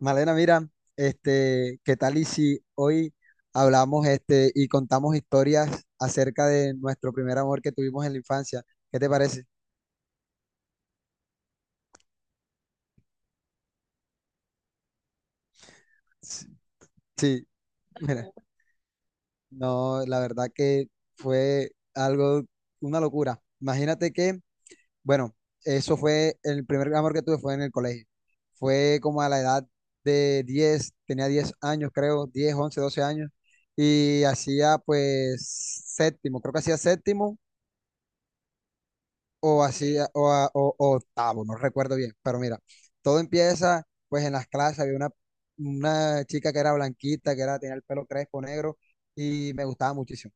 Malena, mira, ¿qué tal y si hoy hablamos y contamos historias acerca de nuestro primer amor que tuvimos en la infancia? ¿Qué te parece? S- Sí, mira, no, la verdad que fue algo, una locura. Imagínate que, bueno, eso fue el primer amor que tuve fue en el colegio. Fue como a la edad de 10 tenía 10 años, creo, 10, 11, 12 años y hacía pues séptimo, creo que hacía séptimo o así, o octavo, no recuerdo bien, pero mira, todo empieza, pues en las clases había una chica que era blanquita, que era, tenía el pelo crespo negro y me gustaba muchísimo.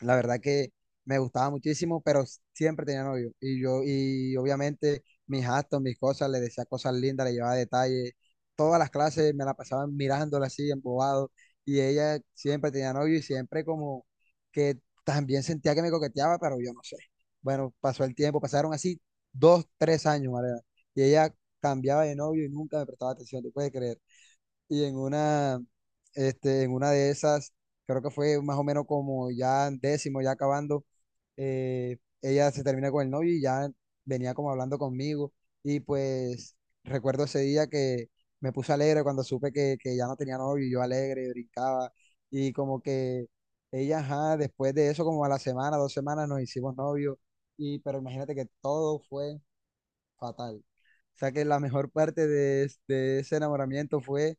La verdad que me gustaba muchísimo, pero siempre tenía novio. Y yo, y obviamente mis actos, mis cosas, le decía cosas lindas, le llevaba detalles. Todas las clases me la pasaban mirándola así, embobado. Y ella siempre tenía novio y siempre como que también sentía que me coqueteaba, pero yo no sé. Bueno, pasó el tiempo, pasaron así 2, 3 años, Mariana. Y ella cambiaba de novio y nunca me prestaba atención, ¿te puedes creer? Y en una de esas, creo que fue más o menos como ya en décimo, ya acabando, ella se termina con el novio y ya venía como hablando conmigo. Y pues recuerdo ese día que me puse alegre cuando supe que ya no tenía novio, y yo alegre, brincaba. Y como que ella, ajá, después de eso, como a la semana, 2 semanas, nos hicimos novios. Y, pero imagínate que todo fue fatal. O sea que la mejor parte de ese enamoramiento fue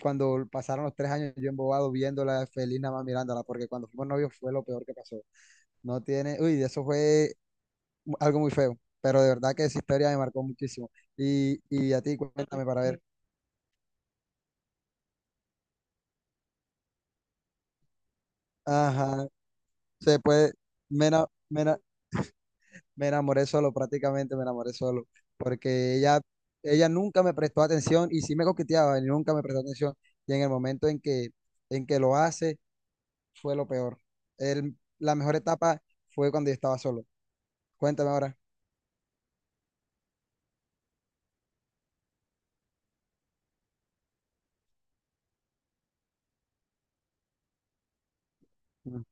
cuando pasaron los 3 años yo embobado viéndola feliz nada más mirándola, porque cuando fuimos novios fue lo peor que pasó. No tiene, uy, eso fue algo muy feo, pero de verdad que esa historia me marcó muchísimo. Y a ti, cuéntame para ver. Ajá, se puede, me, ena- me, ena- me enamoré solo, prácticamente me enamoré solo, porque ella nunca me prestó atención y sí me coqueteaba y nunca me prestó atención. Y en el momento en que lo hace fue lo peor. La mejor etapa fue cuando yo estaba solo. Cuéntame ahora. Mm.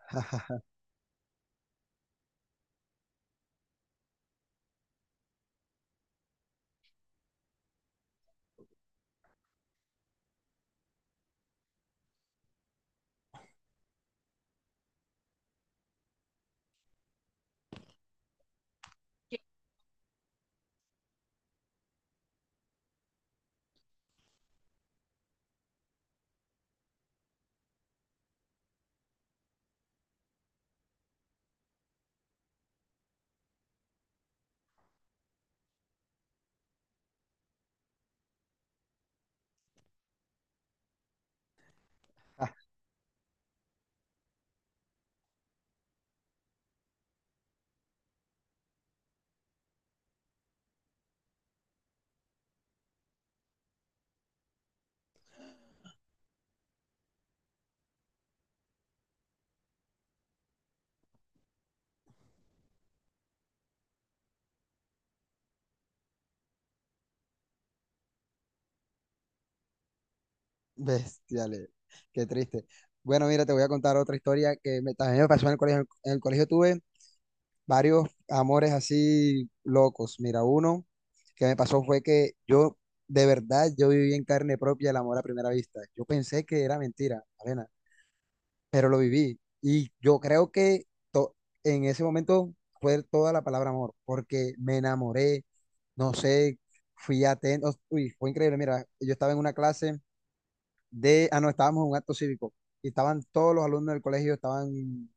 Bestiales, qué triste. Bueno, mira, te voy a contar otra historia que también me pasó en el colegio. En el colegio tuve varios amores así locos. Mira, uno que me pasó fue que yo, de verdad, yo viví en carne propia el amor a primera vista. Yo pensé que era mentira, Elena. Pero lo viví. Y yo creo que to- en ese momento fue toda la palabra amor, porque me enamoré, no sé, fui atento, uy, fue increíble. Mira, yo estaba en una clase no, estábamos en un acto cívico y estaban todos los alumnos del colegio, estaban,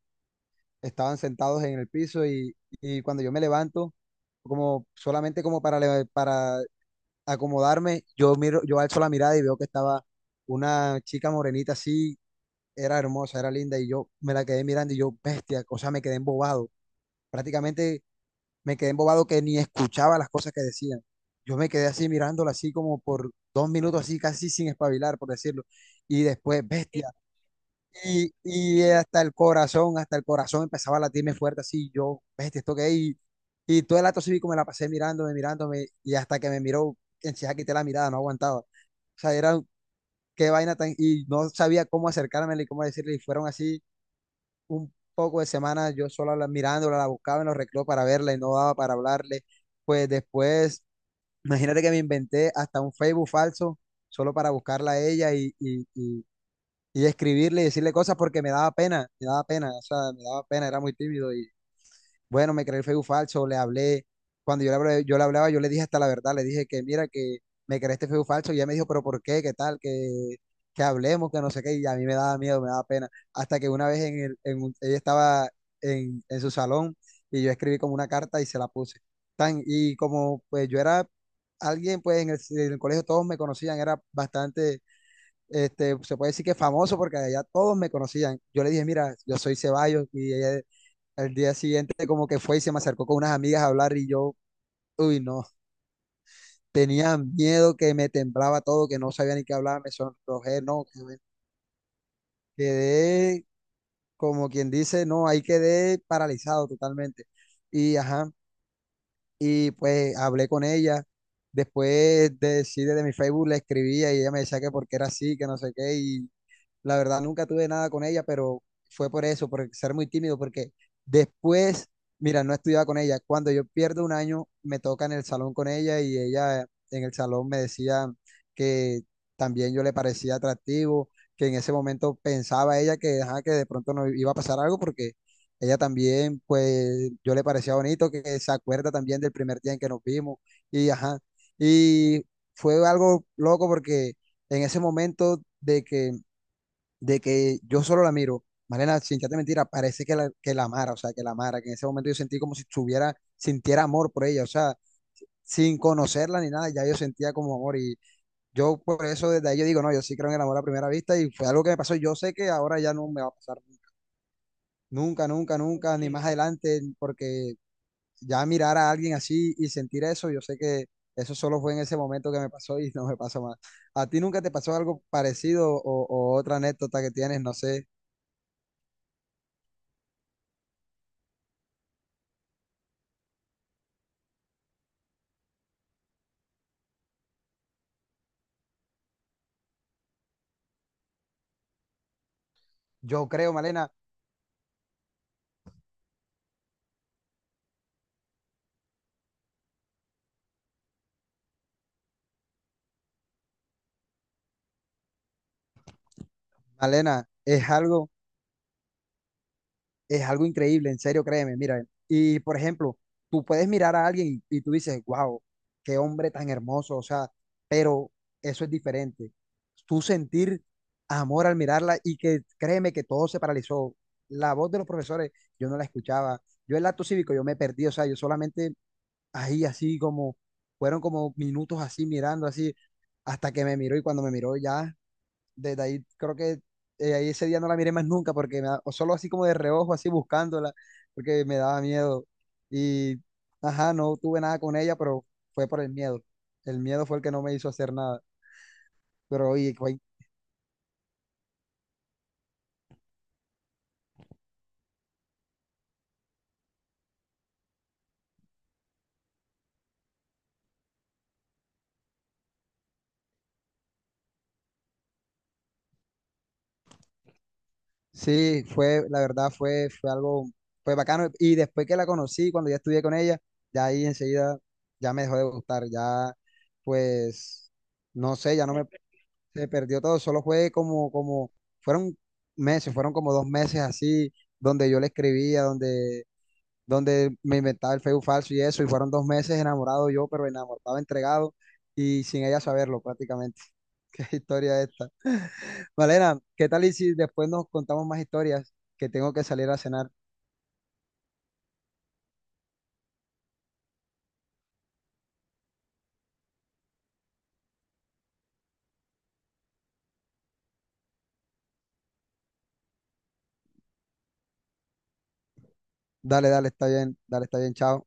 estaban sentados en el piso y cuando yo me levanto, como solamente como para, para acomodarme, yo miro, yo alzo la mirada y veo que estaba una chica morenita así, era hermosa, era linda y yo me la quedé mirando y yo, bestia, o sea, me quedé embobado. Prácticamente me quedé embobado que ni escuchaba las cosas que decían. Yo me quedé así mirándola así como por 2 minutos así casi sin espabilar, por decirlo. Y después, bestia. Y hasta el corazón empezaba a latirme fuerte así. Yo, bestia, esto que es. Y todo el acto cívico me la pasé mirándome, mirándome. Y hasta que me miró, enseguida quité la mirada, no aguantaba. O sea, era qué vaina tan... Y no sabía cómo acercármela y cómo decirle. Y fueron así un poco de semanas yo solo la, mirándola, la buscaba en los recreos para verla y no daba para hablarle. Pues después, imagínate que me inventé hasta un Facebook falso solo para buscarla a ella y escribirle y decirle cosas porque me daba pena, o sea, me daba pena, era muy tímido y bueno, me creé el Facebook falso, le hablé. Cuando yo le dije hasta la verdad, le dije que mira, que me creé este Facebook falso. Y ella me dijo, pero ¿por qué? ¿Qué tal? Que hablemos, que no sé qué. Y a mí me daba miedo, me daba pena. Hasta que una vez en el, ella estaba en su salón y yo escribí como una carta y se la puse. Tan, y como pues yo era alguien, pues en el colegio todos me conocían, era bastante, se puede decir que famoso porque allá todos me conocían. Yo le dije, mira, yo soy Ceballos y ella al día siguiente como que fue y se me acercó con unas amigas a hablar y yo, uy, no, tenía miedo que me temblaba todo, que no sabía ni qué hablar, me sonrojé, no, quedé como quien dice, no, ahí quedé paralizado totalmente. Y ajá, y pues hablé con ella, después de, sí, desde mi Facebook le escribía y ella me decía que porque era así, que no sé qué, y la verdad, nunca tuve nada con ella, pero fue por eso, por ser muy tímido, porque después, mira, no estudiaba con ella. Cuando yo pierdo un año, me toca en el salón con ella y ella en el salón me decía que también yo le parecía atractivo, que en ese momento pensaba ella que, ajá, que de pronto no iba a pasar algo porque ella también, pues yo le parecía bonito, que se acuerda también del primer día en que nos vimos y ajá. Y fue algo loco porque en ese momento de que yo solo la miro, Malena, sin echarte mentira, parece que la amara, o sea, que la amara, que en ese momento yo sentí como si tuviera, sintiera amor por ella, o sea, sin conocerla ni nada, ya yo sentía como amor y yo por eso desde ahí yo digo, no, yo sí creo en el amor a primera vista y fue algo que me pasó, yo sé que ahora ya no me va a pasar nunca, nunca, nunca, ni más adelante, porque ya mirar a alguien así y sentir eso, yo sé que eso solo fue en ese momento que me pasó y no me pasó más. ¿A ti nunca te pasó algo parecido o otra anécdota que tienes? No sé. Yo creo, Malena, Malena, es algo, es algo increíble, en serio, créeme, mira. Y por ejemplo, tú puedes mirar a alguien y tú dices, wow, qué hombre tan hermoso, o sea, pero eso es diferente. Tú sentir amor al mirarla y que créeme que todo se paralizó. La voz de los profesores, yo no la escuchaba. Yo el acto cívico, yo me perdí, o sea, yo solamente ahí así como, fueron como minutos así mirando así, hasta que me miró y cuando me miró ya desde ahí creo que ahí ese día no la miré más nunca porque o solo así como de reojo, así buscándola, porque me daba miedo. Y, ajá, no tuve nada con ella, pero fue por el miedo. El miedo fue el que no me hizo hacer nada. Pero oye, sí, fue, la verdad fue, fue algo, fue bacano. Y después que la conocí, cuando ya estudié con ella, ya ahí enseguida ya me dejó de gustar, ya pues, no sé, ya no me, se perdió todo, solo fue como, como, fueron meses, fueron como 2 meses así, donde yo le escribía, donde me inventaba el Facebook falso y eso, y fueron 2 meses enamorado yo, pero enamorado, entregado, y sin ella saberlo prácticamente. Qué historia esta. Malena, ¿qué tal y si después nos contamos más historias? Que tengo que salir a cenar. Dale, dale, está bien, chao.